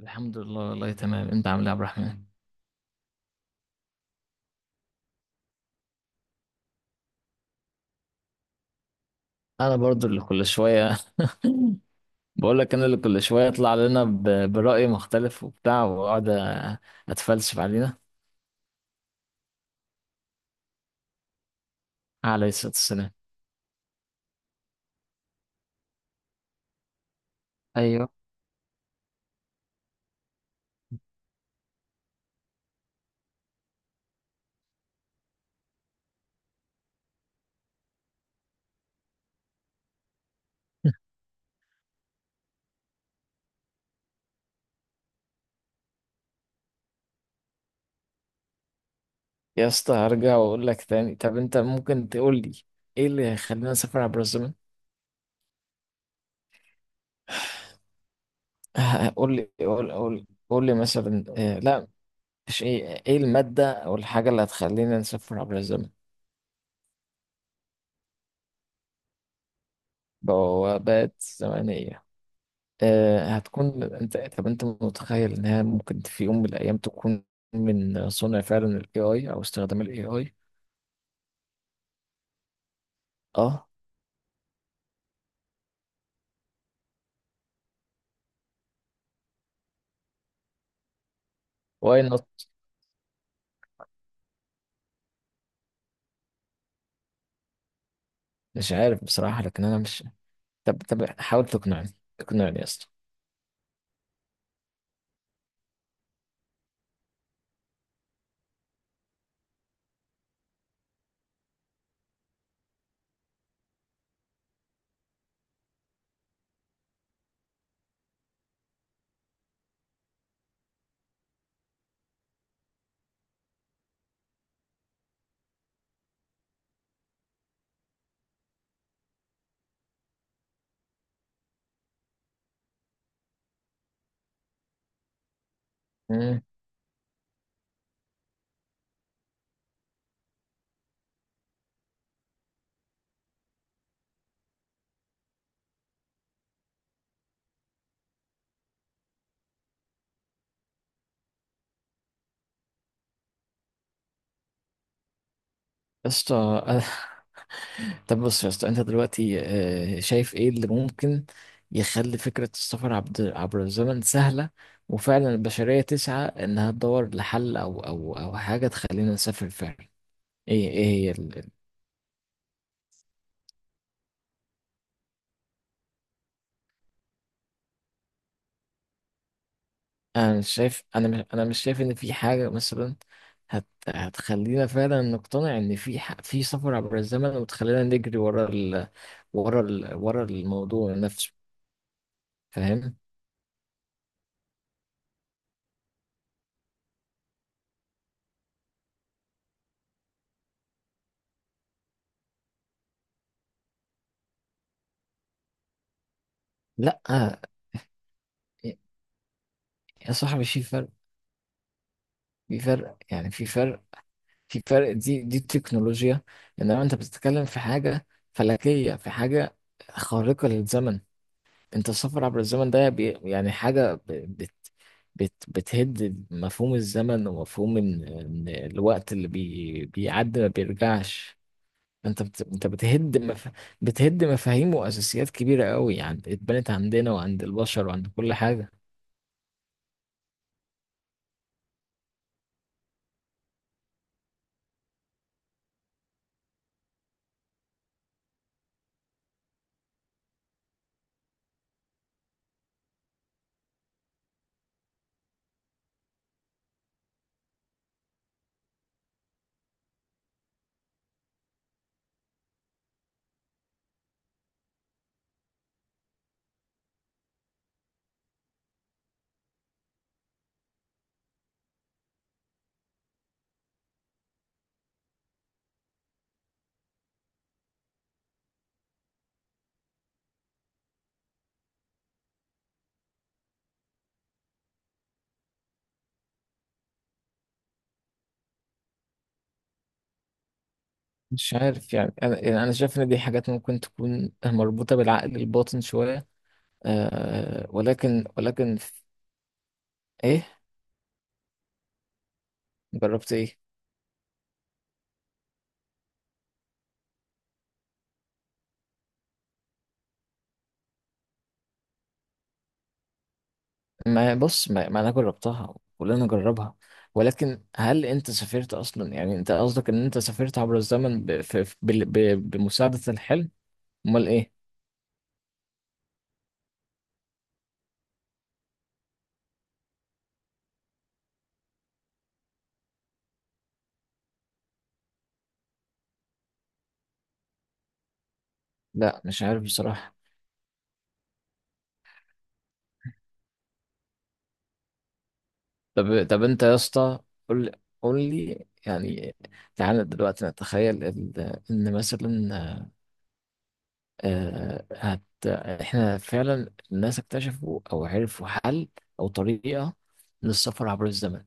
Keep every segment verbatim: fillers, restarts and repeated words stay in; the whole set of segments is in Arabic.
الحمد لله والله تمام، انت عامل ايه يا عبد الرحمن؟ انا برضو اللي كل شويه. بقول لك انا اللي كل شويه يطلع لنا ب- برأي مختلف وبتاع واقعد اتفلسف علينا. عليه الصلاه والسلام. ايوه يا اسطى، هرجع واقول لك تاني. طب انت ممكن تقول لي ايه اللي يخلينا نسافر عبر الزمن؟ آه، قول لي قول قول قول لي مثلا. آه، لا، مش ايه ايه الماده او الحاجه اللي هتخلينا نسافر عبر الزمن؟ بوابات زمنيه. آه، هتكون انت طب انت متخيل انها ممكن في يوم من الايام تكون من صنع فعلا الاي اي او استخدام الاي اي؟ اه، واي نوت. مش عارف بصراحه، لكن انا مش... طب طب حاول تقنعني. اقنعني يا اسطى. مم. يا اسطى. أنا- طب بص يا اسطى، انت دلوقتي آه، شايف ايه اللي ممكن يخلي فكره السفر عبر عبر الزمن سهله، وفعلا البشريه تسعى انها تدور لحل او او او حاجه تخلينا نسافر فعلا؟ ايه ايه هي؟ انا مش شايف انا مش انا مش شايف ان في حاجه مثلا هت هتخلينا فعلا نقتنع ان في ح... في سفر عبر الزمن، وتخلينا نجري ورا ال... ورا ال... ورا الموضوع نفسه. فاهم؟ لا يا صاحبي، في فرق، في فرق، يعني في فرق، في فرق، دي دي تكنولوجيا. انما انت بتتكلم في حاجه فلكيه، في حاجه خارقه للزمن. انت السفر عبر الزمن ده بي يعني حاجة ب- بت بت بتهد مفهوم الزمن، ومفهوم ان ان الوقت اللي بي بيعدي ما بيرجعش. انت بت انت بتهد مف بتهد مفاهيم واساسيات كبيرة قوي، يعني اتبنت عندنا وعند البشر وعند كل حاجة. مش عارف. يعني انا يعني انا شايف ان دي حاجات ممكن تكون مربوطة بالعقل الباطن شوية. آه ولكن ولكن ايه؟ جربت ايه؟ ما بص ما, ما انا جربتها، كلنا جربها. ولكن هل انت سافرت اصلا؟ يعني انت قصدك ان انت سافرت عبر الزمن ب... في... في- بال... ب... بمساعدة الحلم؟ امال ايه؟ لا، مش عارف بصراحة. طب طب انت يا اسطى، قول قول لي يعني. تعالى دلوقتي نتخيل ال... ان مثلا آه... هت... احنا فعلا الناس اكتشفوا او عرفوا حل او طريقة للسفر عبر الزمن.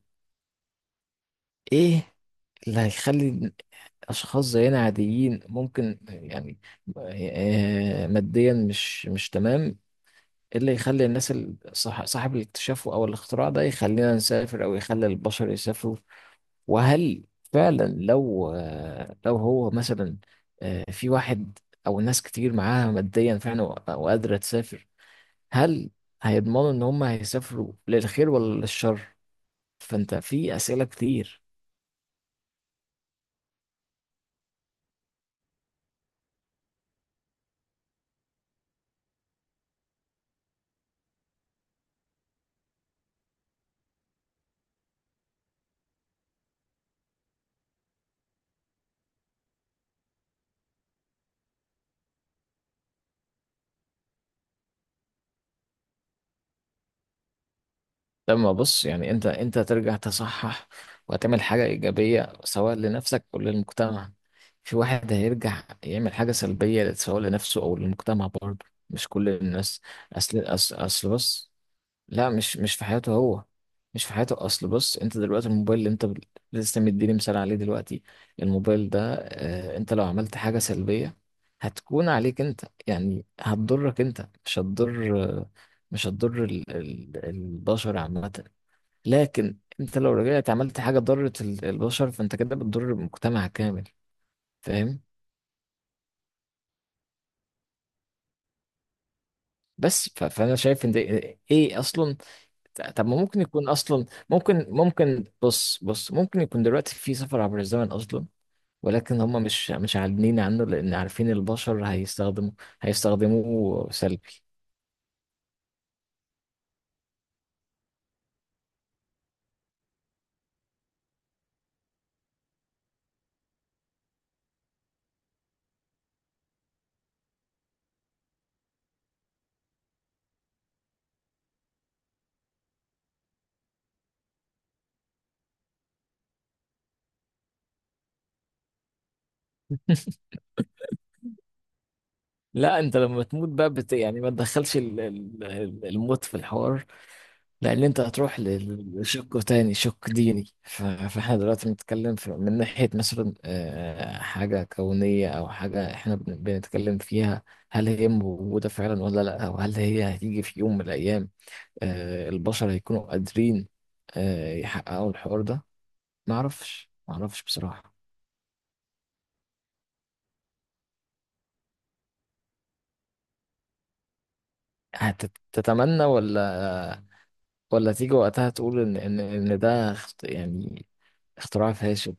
ايه اللي هيخلي اشخاص زينا عاديين ممكن، يعني آه، ماديا، مش مش تمام؟ إيه اللي يخلي الناس، ال- صح- صاحب الاكتشاف او الاختراع ده، يخلينا نسافر او يخلي البشر يسافروا؟ وهل فعلا لو آه، لو هو مثلا، آه، في واحد او ناس كتير معاها ماديا فعلا و- وقادرة تسافر، هل هيضمنوا ان هم هيسافروا للخير ولا للشر؟ فانت في اسئلة كتير. لما بص، يعني انت انت ترجع تصحح وتعمل حاجة إيجابية سواء لنفسك أو للمجتمع. في واحد هيرجع يعمل حاجة سلبية سواء لنفسه أو للمجتمع، برضه مش كل الناس. أصل أصل, أصل بص. لا، مش مش في حياته هو، مش في حياته. أصل بص، انت دلوقتي الموبايل اللي انت بت- لسه مديني مثال عليه دلوقتي. الموبايل ده، اه انت لو عملت حاجة سلبية، هتكون عليك انت. يعني هتضرك انت، مش هتضر، مش هتضر ال- ال- البشر عامة. لكن انت لو رجعت عملت حاجه ضرت ال- البشر، فانت كده بتضر المجتمع كامل. فاهم؟ بس، ف- فانا شايف ان ده ايه اصلا. ت- طب ما ممكن يكون اصلا، ممكن ممكن بص بص، ممكن يكون دلوقتي في سفر عبر الزمن اصلا. ولكن هم مش مش عاملين عنه، لان عارفين البشر هيستخدموا هيستخدموه سلبي. لا، انت لما تموت بقى بت يعني ما تدخلش ال- ال- الموت في الحوار. لان انت هتروح لشق تاني، شق ديني. ف- فاحنا دلوقتي بنتكلم في، من ناحية مثلا آه، حاجة كونية او حاجة احنا بن- بنتكلم فيها. هل هي موجودة فعلا ولا لا، او هل هي هتيجي في يوم من الايام؟ آه، البشر هيكونوا قادرين آه، يحققوا الحوار ده؟ معرفش معرفش بصراحة. هتتمنى، ولا ولا تيجي وقتها تقول ان ان إن ده اخت- يعني اختراع فاشل؟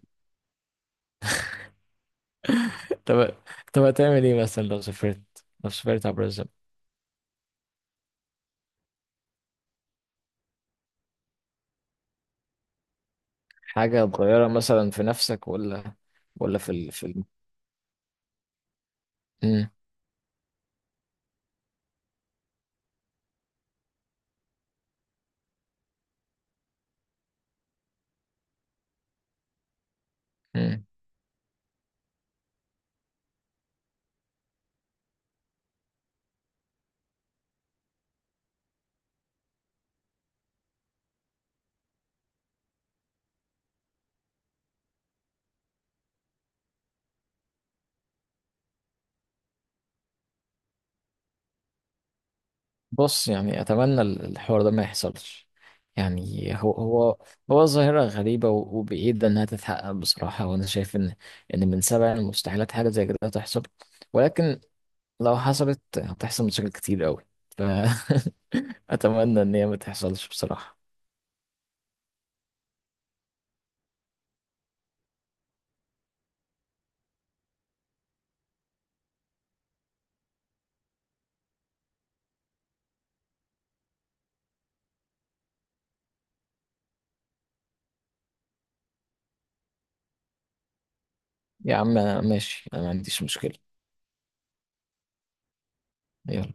طب طب هتعمل ايه مثلا لو سافرت، لو سافرت عبر الزمن؟ حاجة هتغيرها مثلا في نفسك ولا ولا في ال... في ال... مم. مم. بص، يعني أتمنى ال- الحوار ده ما يحصلش. يعني هو هو هو ظاهرة غريبة و- وبعيدة إنها تتحقق بصراحة. وأنا شايف إن إن من سبع المستحيلات حاجة زي كده تحصل. ولكن لو حصلت هتحصل مشاكل كتير أوي. ف أتمنى إن هي ما تحصلش بصراحة. يا عم ماشي، أنا ما عنديش مشكلة. يلا.